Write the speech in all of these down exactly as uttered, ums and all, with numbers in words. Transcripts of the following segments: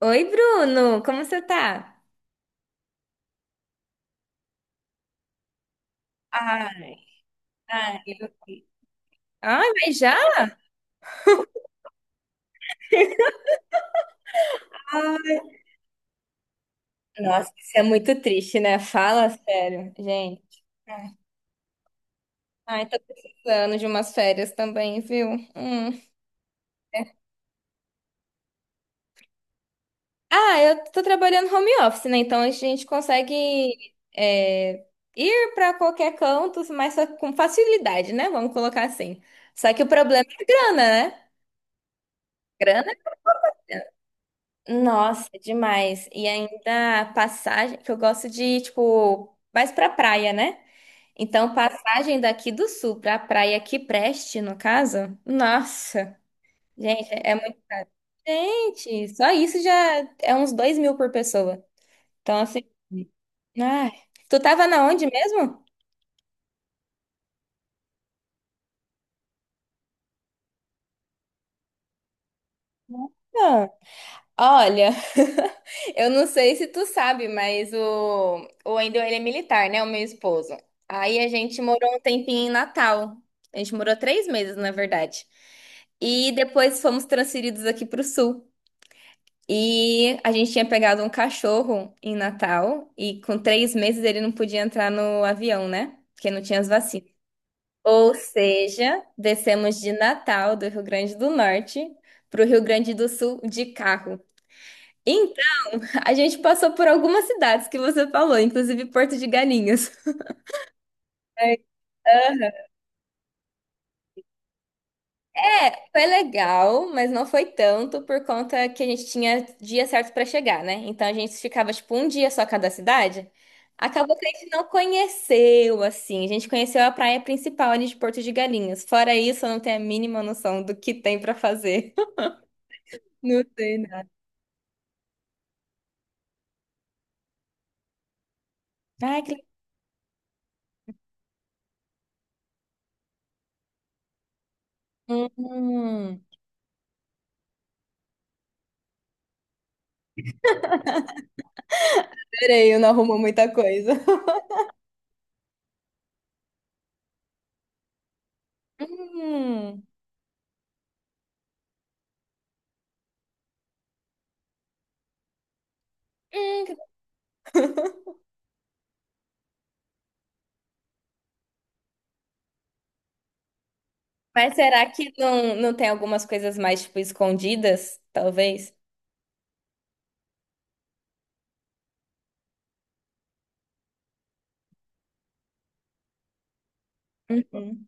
Oi, Bruno, como você tá? Ai, ai, Eu- Ai, mas já? Nossa, isso é muito triste, né? Fala sério, gente. Ai. Ai, tô precisando de umas férias também, viu? Hum. Ah, eu tô trabalhando home office, né? Então a gente consegue é, ir pra qualquer canto, mas só com facilidade, né? Vamos colocar assim. Só que o problema é grana, né? Nossa, é demais. E ainda a passagem, que eu gosto de, tipo, mais pra praia, né? Então, passagem daqui do sul pra praia aqui preste, no caso. Nossa, gente, é é muito. Gente, só isso já é uns dois mil por pessoa. Então, assim, ai. Tu tava na onde mesmo? Ah, olha. Eu não sei se tu sabe, mas o, o Wendel, ele é militar, né? O meu esposo. Aí a gente morou um tempinho em Natal. A gente morou três meses, na verdade. E depois fomos transferidos aqui para o Sul. E a gente tinha pegado um cachorro em Natal. E com três meses ele não podia entrar no avião, né? Porque não tinha as vacinas. Ou seja, descemos de Natal, do Rio Grande do Norte, para o Rio Grande do Sul de carro. A gente passou por algumas cidades que você falou, inclusive Porto de Galinhas. É, aham. Foi legal, mas não foi tanto por conta que a gente tinha dia certo para chegar, né? Então a gente ficava tipo um dia só cada cidade. Acabou que a gente não conheceu assim. A gente conheceu a praia principal ali de Porto de Galinhas. Fora isso, eu não tenho a mínima noção do que tem para fazer. Não sei, não. Ai, que legal. Hum, peraí, eu não arrumo muita coisa. Hum. Hum, Mas será que não, não tem algumas coisas mais, tipo, escondidas? Talvez. Uhum.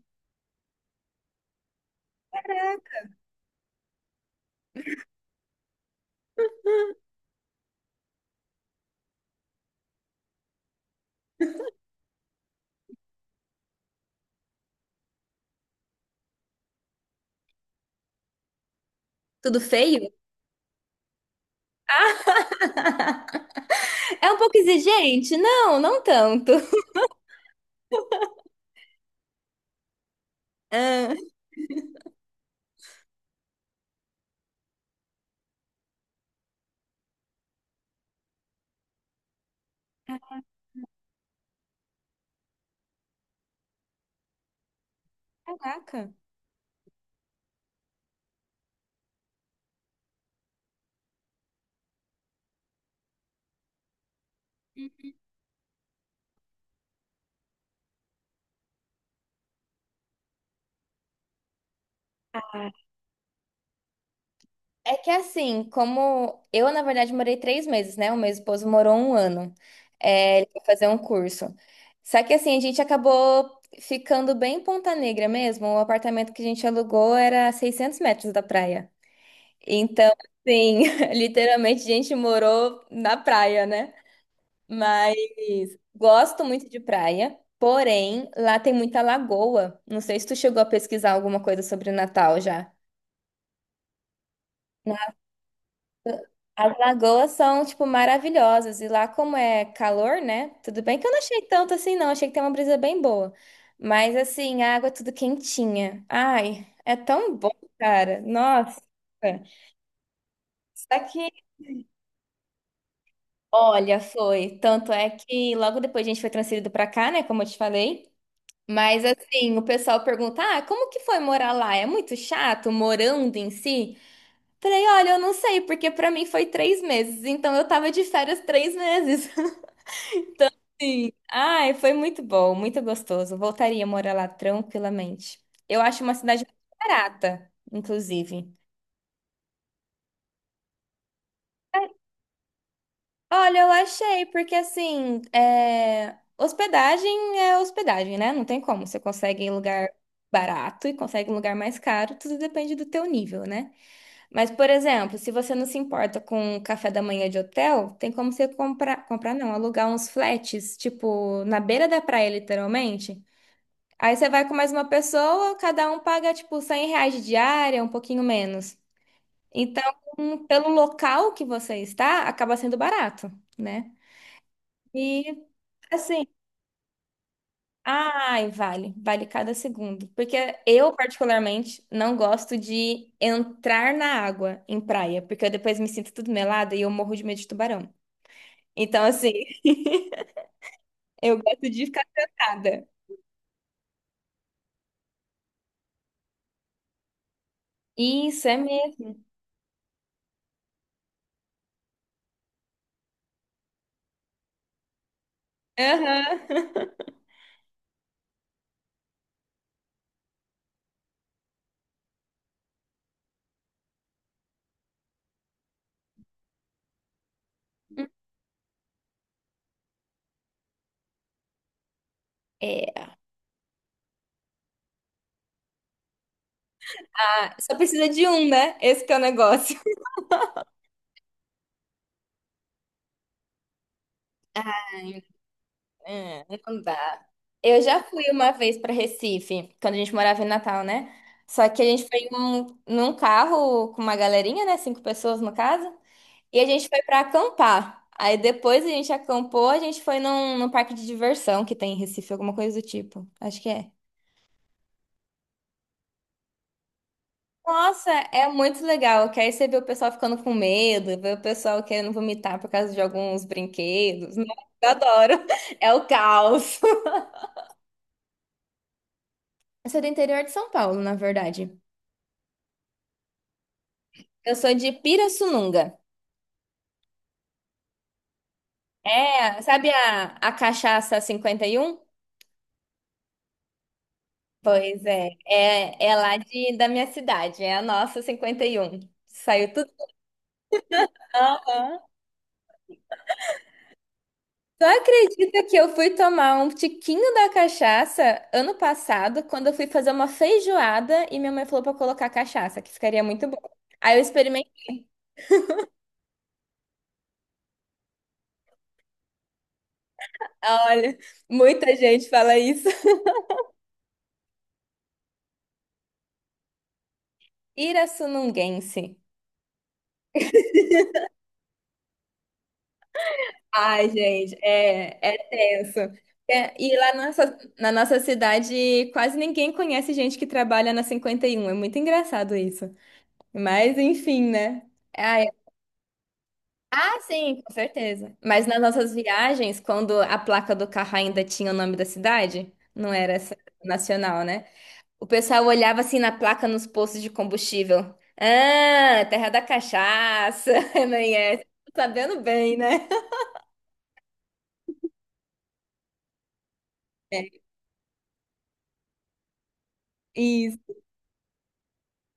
Tudo feio? Ah, é um pouco exigente? Não, não tanto. Ah, caraca. Ah, é que assim, como eu, na verdade, morei três meses, né? O meu esposo morou um ano. É, ele foi fazer um curso. Só que assim, a gente acabou ficando bem em Ponta Negra mesmo. O apartamento que a gente alugou era a seiscentos metros da praia. Então, assim, literalmente a gente morou na praia, né? Mas gosto muito de praia, porém lá tem muita lagoa. Não sei se tu chegou a pesquisar alguma coisa sobre Natal já. As lagoas são, tipo, maravilhosas. E lá, como é calor, né? Tudo bem que eu não achei tanto assim, não. Achei que tem uma brisa bem boa. Mas, assim, a água é tudo quentinha. Ai, é tão bom, cara. Nossa. Só que Olha, foi. Tanto é que logo depois a gente foi transferido pra cá, né? Como eu te falei. Mas assim, o pessoal pergunta: ah, como que foi morar lá? É muito chato morando em si? Falei: olha, eu não sei, porque pra mim foi três meses. Então eu tava de férias três meses. Sim. Ai, foi muito bom, muito gostoso. Voltaria a morar lá tranquilamente. Eu acho uma cidade muito barata, inclusive. Olha, eu achei, porque assim, é, hospedagem é hospedagem, né? Não tem como. Você consegue em lugar barato e consegue em lugar mais caro, tudo depende do teu nível, né? Mas, por exemplo, se você não se importa com café da manhã de hotel, tem como você comprar, comprar não, alugar uns flats, tipo, na beira da praia, literalmente. Aí você vai com mais uma pessoa, cada um paga, tipo, cem reais de diária, um pouquinho menos. Então, pelo local que você está, acaba sendo barato, né? E assim, ai, vale, vale cada segundo. Porque eu, particularmente, não gosto de entrar na água em praia, porque eu depois me sinto tudo melada e eu morro de medo de tubarão. Então, assim, eu gosto de ficar sentada. Isso é mesmo. Aham. É, ah, só precisa de um, né? Esse que é o negócio. É, não dá. Eu já fui uma vez para Recife, quando a gente morava em Natal, né? Só que a gente foi num, num carro com uma galerinha, né? Cinco pessoas no caso. E a gente foi para acampar. Aí depois a gente acampou, a gente foi num, num parque de diversão que tem em Recife, alguma coisa do tipo. Acho que é. Nossa, é muito legal. Que aí você vê o pessoal ficando com medo, vê o pessoal querendo vomitar por causa de alguns brinquedos. Nossa, eu adoro. É o caos. Eu sou do interior de São Paulo, na verdade. Eu sou de Pirassununga. É, sabe a, a cachaça cinquenta e um? Pois é, é, é, lá de, da minha cidade, é a nossa cinquenta e um. Saiu tudo. Aham. Tu acredita que eu fui tomar um tiquinho da cachaça ano passado, quando eu fui fazer uma feijoada e minha mãe falou pra eu colocar cachaça, que ficaria muito bom. Aí eu experimentei. Olha, muita gente fala isso. Pirassununguense. Ai, gente, é, é tenso. É, e lá na, nossa, na nossa cidade, quase ninguém conhece gente que trabalha na cinquenta e um. É muito engraçado isso. Mas, enfim, né? Ai, ah, sim, com certeza. Mas nas nossas viagens, quando a placa do carro ainda tinha o nome da cidade, não era essa nacional, né? O pessoal olhava assim na placa nos postos de combustível. Ah, terra da cachaça, não é? Sabendo bem, né? É, isso.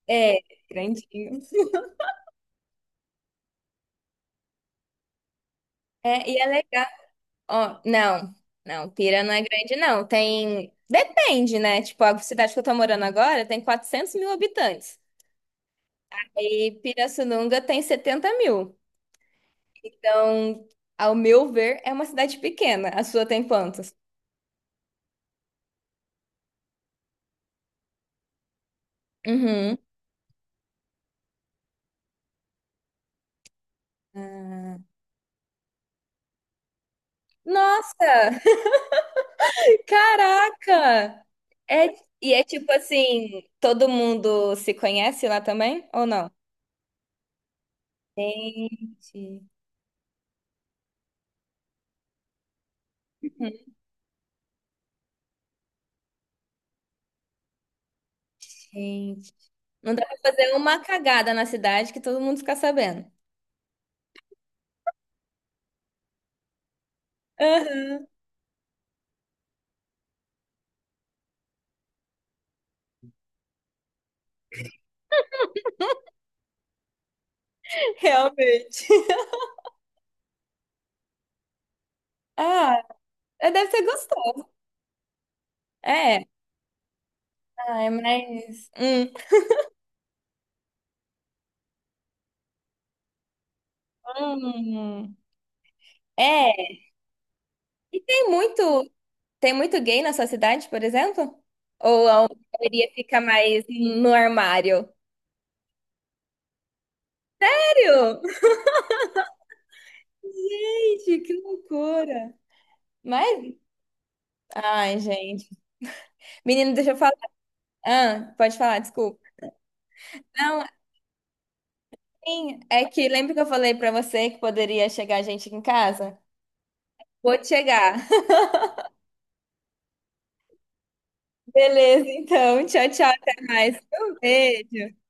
É, grandinho. É, e é legal. Ó, não, não, Pira não é grande, não. Tem. Depende, né? Tipo, a cidade que eu tô morando agora tem quatrocentos mil habitantes. E Pirassununga tem setenta mil. Então, ao meu ver, é uma cidade pequena. A sua tem quantos? Uhum. Nossa! Caraca! É, e é tipo assim, todo mundo se conhece lá também? Ou não? Gente, gente. Não dá pra fazer uma cagada na cidade que todo mundo fica sabendo. Aham, realmente. Ah, é, deve ser gostoso. É. Ai, mas. Hum. Hum. É. E tem muito. Tem muito gay na sua cidade, por exemplo? Eu iria ficar mais no armário. Sério? Gente, que loucura. Mas. Ai, gente. Menino, deixa eu falar. Ah, pode falar, desculpa. Não, assim, é que lembra que eu falei pra você que poderia chegar gente aqui em casa? Vou chegar. Beleza, então. Tchau, tchau. Até mais. Um beijo.